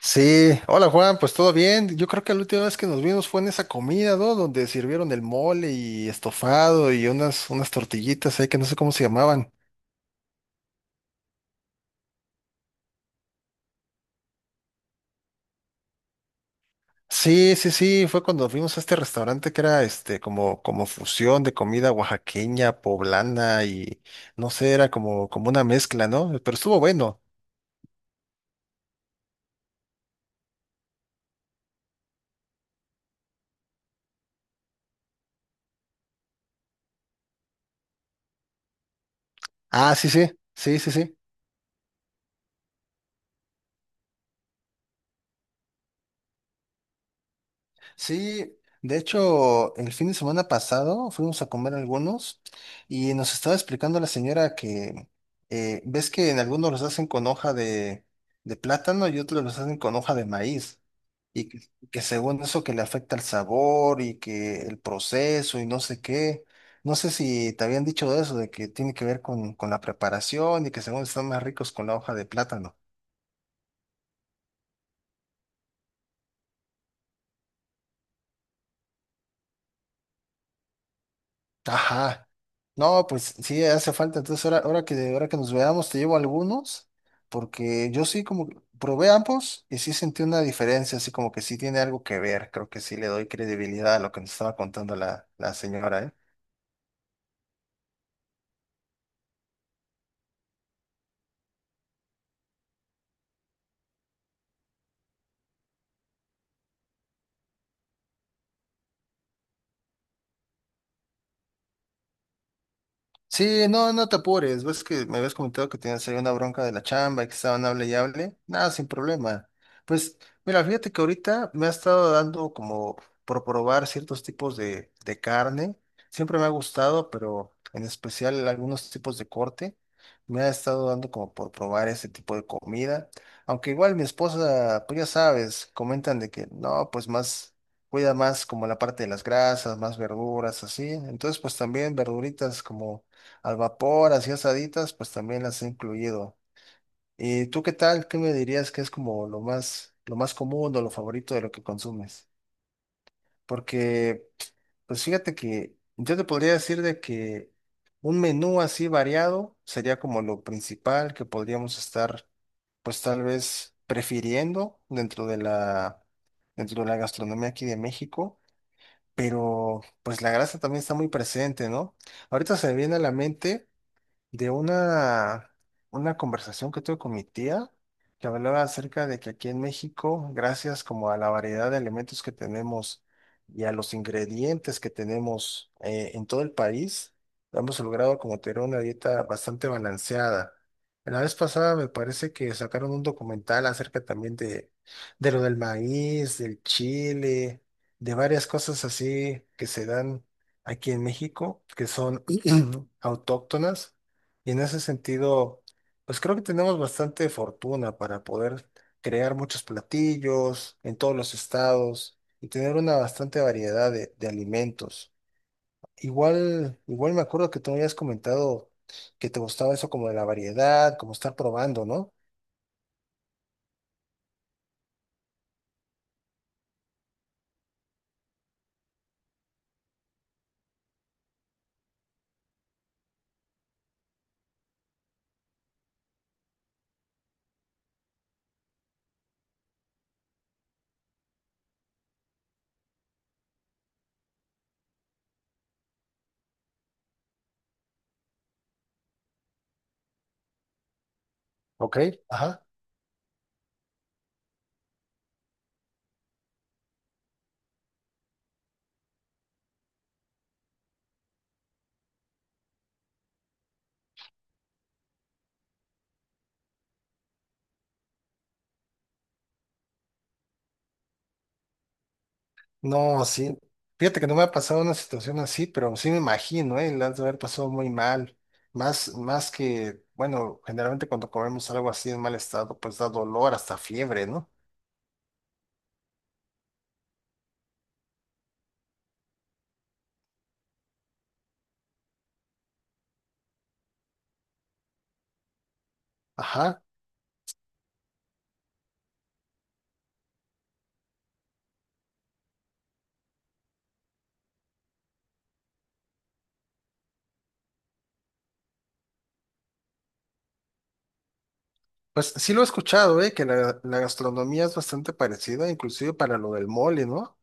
Sí, hola Juan, pues todo bien. Yo creo que la última vez que nos vimos fue en esa comida, ¿no? Donde sirvieron el mole y estofado y unas tortillitas ahí que no sé cómo se llamaban. Sí, sí, sí, fue cuando fuimos a este restaurante que era este como fusión de comida oaxaqueña, poblana y no sé, era como una mezcla, ¿no? Pero estuvo bueno. Ah, sí, sí, sí, sí, sí. Sí, de hecho, el fin de semana pasado fuimos a comer algunos y nos estaba explicando la señora que ves que en algunos los hacen con de plátano y otros los hacen con hoja de maíz y que según eso que le afecta el sabor y que el proceso y no sé qué. No sé si te habían dicho eso, de que tiene que ver con la preparación y que según están más ricos con la hoja de plátano. Ajá. No, pues sí, hace falta. Entonces, ahora que nos veamos, te llevo algunos, porque yo sí como que probé ambos y sí sentí una diferencia, así como que sí tiene algo que ver. Creo que sí le doy credibilidad a lo que nos estaba contando la señora, ¿eh? Sí, no, no te apures. Ves que me habías comentado que tenías ahí una bronca de la chamba y que estaban hable y hable. Nada, sin problema. Pues, mira, fíjate que ahorita me ha estado dando como por probar ciertos tipos de carne. Siempre me ha gustado, pero en especial algunos tipos de corte. Me ha estado dando como por probar ese tipo de comida. Aunque igual mi esposa, pues ya sabes, comentan de que no, pues más cuida más como la parte de las grasas, más verduras, así. Entonces, pues también verduritas como al vapor, así asaditas, pues también las he incluido. ¿Y tú qué tal? ¿Qué me dirías que es como lo más común o lo favorito de lo que consumes? Porque, pues fíjate que yo te podría decir de que un menú así variado sería como lo principal que podríamos estar, pues tal vez prefiriendo dentro de dentro de la gastronomía aquí de México, pero pues la grasa también está muy presente, ¿no? Ahorita se me viene a la mente de una conversación que tuve con mi tía, que hablaba acerca de que aquí en México, gracias como a la variedad de elementos que tenemos y a los ingredientes que tenemos en todo el país, hemos logrado como tener una dieta bastante balanceada. La vez pasada me parece que sacaron un documental acerca también de lo del maíz, del chile, de varias cosas así que se dan aquí en México, que son autóctonas y en ese sentido, pues creo que tenemos bastante fortuna para poder crear muchos platillos en todos los estados y tener una bastante variedad de alimentos. Igual me acuerdo que tú me habías comentado que te gustaba eso como de la variedad, como estar probando, ¿no? Ok, ajá. No, sí. Fíjate que no me ha pasado una situación así, pero sí me imagino, ¿eh? La has de haber pasado muy mal. Más que, bueno, generalmente cuando comemos algo así en mal estado, pues da dolor, hasta fiebre, ¿no? Ajá. Pues sí lo he escuchado, ¿eh? Que la gastronomía es bastante parecida, inclusive para lo del mole, ¿no?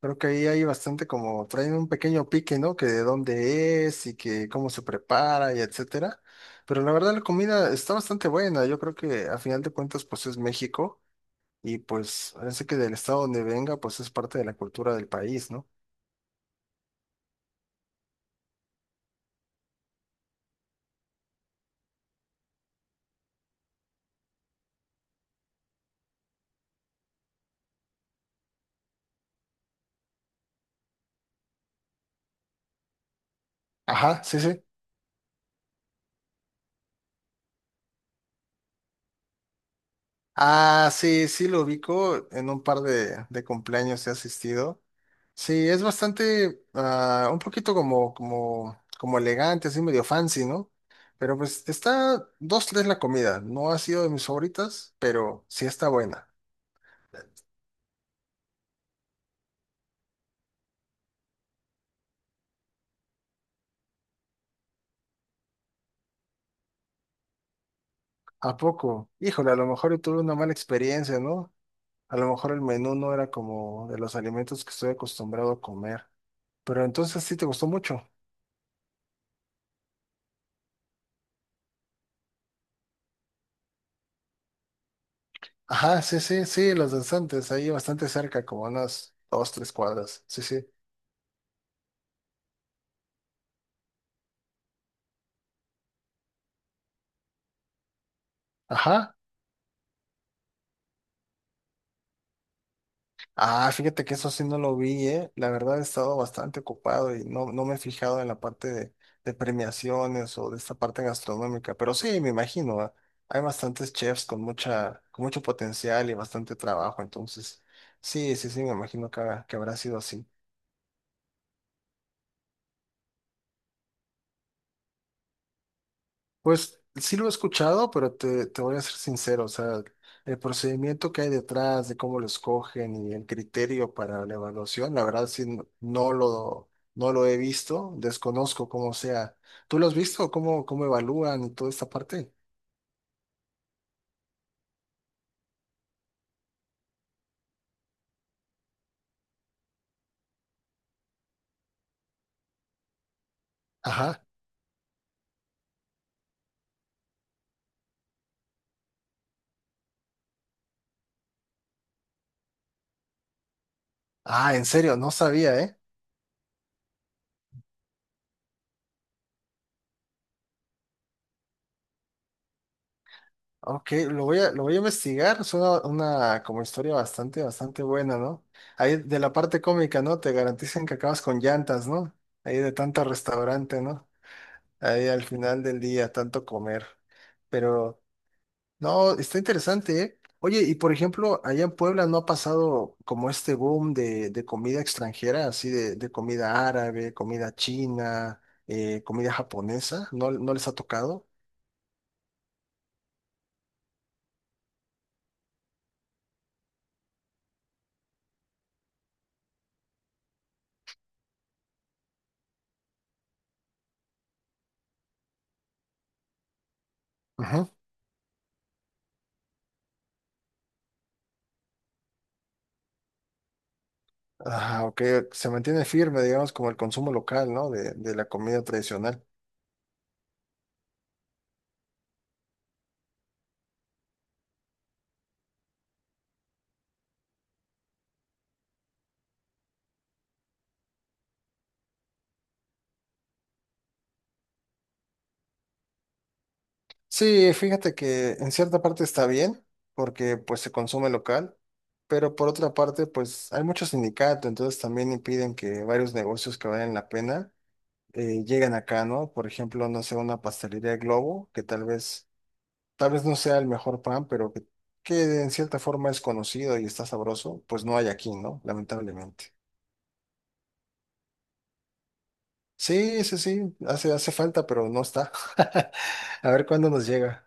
Creo que ahí hay bastante como, traen un pequeño pique, ¿no? Que de dónde es y que cómo se prepara y etcétera. Pero la verdad la comida está bastante buena. Yo creo que a final de cuentas, pues es México. Y pues parece que del estado donde venga, pues es parte de la cultura del país, ¿no? Ajá, sí, sí. Ah, sí, sí lo ubico, en un par de cumpleaños he asistido. Sí, es bastante, ah, un poquito como elegante, así medio fancy, ¿no? Pero pues está dos, tres la comida, no ha sido de mis favoritas, pero sí está buena. ¿A poco? Híjole, a lo mejor yo tuve una mala experiencia, ¿no? A lo mejor el menú no era como de los alimentos que estoy acostumbrado a comer. Pero entonces sí te gustó mucho. Ajá, sí, sí, sí, los danzantes, ahí bastante cerca, como unas dos, tres cuadras. Sí, sí. Ajá. Ah, fíjate que eso sí no lo vi, ¿eh? La verdad he estado bastante ocupado y no, no me he fijado en la parte de premiaciones o de esta parte gastronómica. Pero sí, me imagino, ah, hay bastantes chefs con con mucho potencial y bastante trabajo. Entonces, sí, sí, sí, me imagino que, que habrá sido así. Pues sí lo he escuchado, pero te voy a ser sincero, o sea, el procedimiento que hay detrás de cómo lo escogen y el criterio para la evaluación, la verdad sí no lo he visto, desconozco cómo sea. ¿Tú lo has visto? ¿Cómo, cómo evalúan y toda esta parte? Ajá. Ah, en serio, no sabía, ¿eh? Ok, lo voy a investigar, es una como historia bastante, bastante buena, ¿no? Ahí de la parte cómica, ¿no? Te garantizan que acabas con llantas, ¿no? Ahí de tanto restaurante, ¿no? Ahí al final del día, tanto comer. Pero no, está interesante, ¿eh? Oye, y por ejemplo, allá en Puebla no ha pasado como este boom de comida extranjera, así de comida árabe, comida china, comida japonesa, ¿no, no les ha tocado? Ajá. Ah, ok, se mantiene firme, digamos, como el consumo local, ¿no? De la comida tradicional. Sí, fíjate que en cierta parte está bien, porque pues se consume local, pero por otra parte, pues hay muchos sindicatos, entonces también impiden que varios negocios que valen la pena lleguen acá, ¿no? Por ejemplo, no sé, una pastelería Globo, que tal vez no sea el mejor pan, pero que en cierta forma es conocido y está sabroso, pues no hay aquí, ¿no? Lamentablemente. Sí, sí, sí, hace falta, pero no está. A ver cuándo nos llega.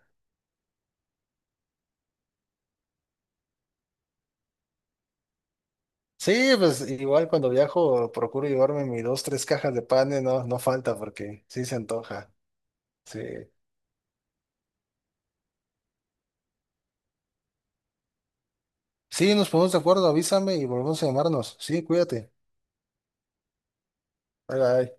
Sí, pues igual cuando viajo procuro llevarme mis dos, tres cajas de pan, no, no falta porque sí se antoja. Sí. Sí, nos ponemos de acuerdo, avísame y volvemos a llamarnos. Sí, cuídate. Bye bye.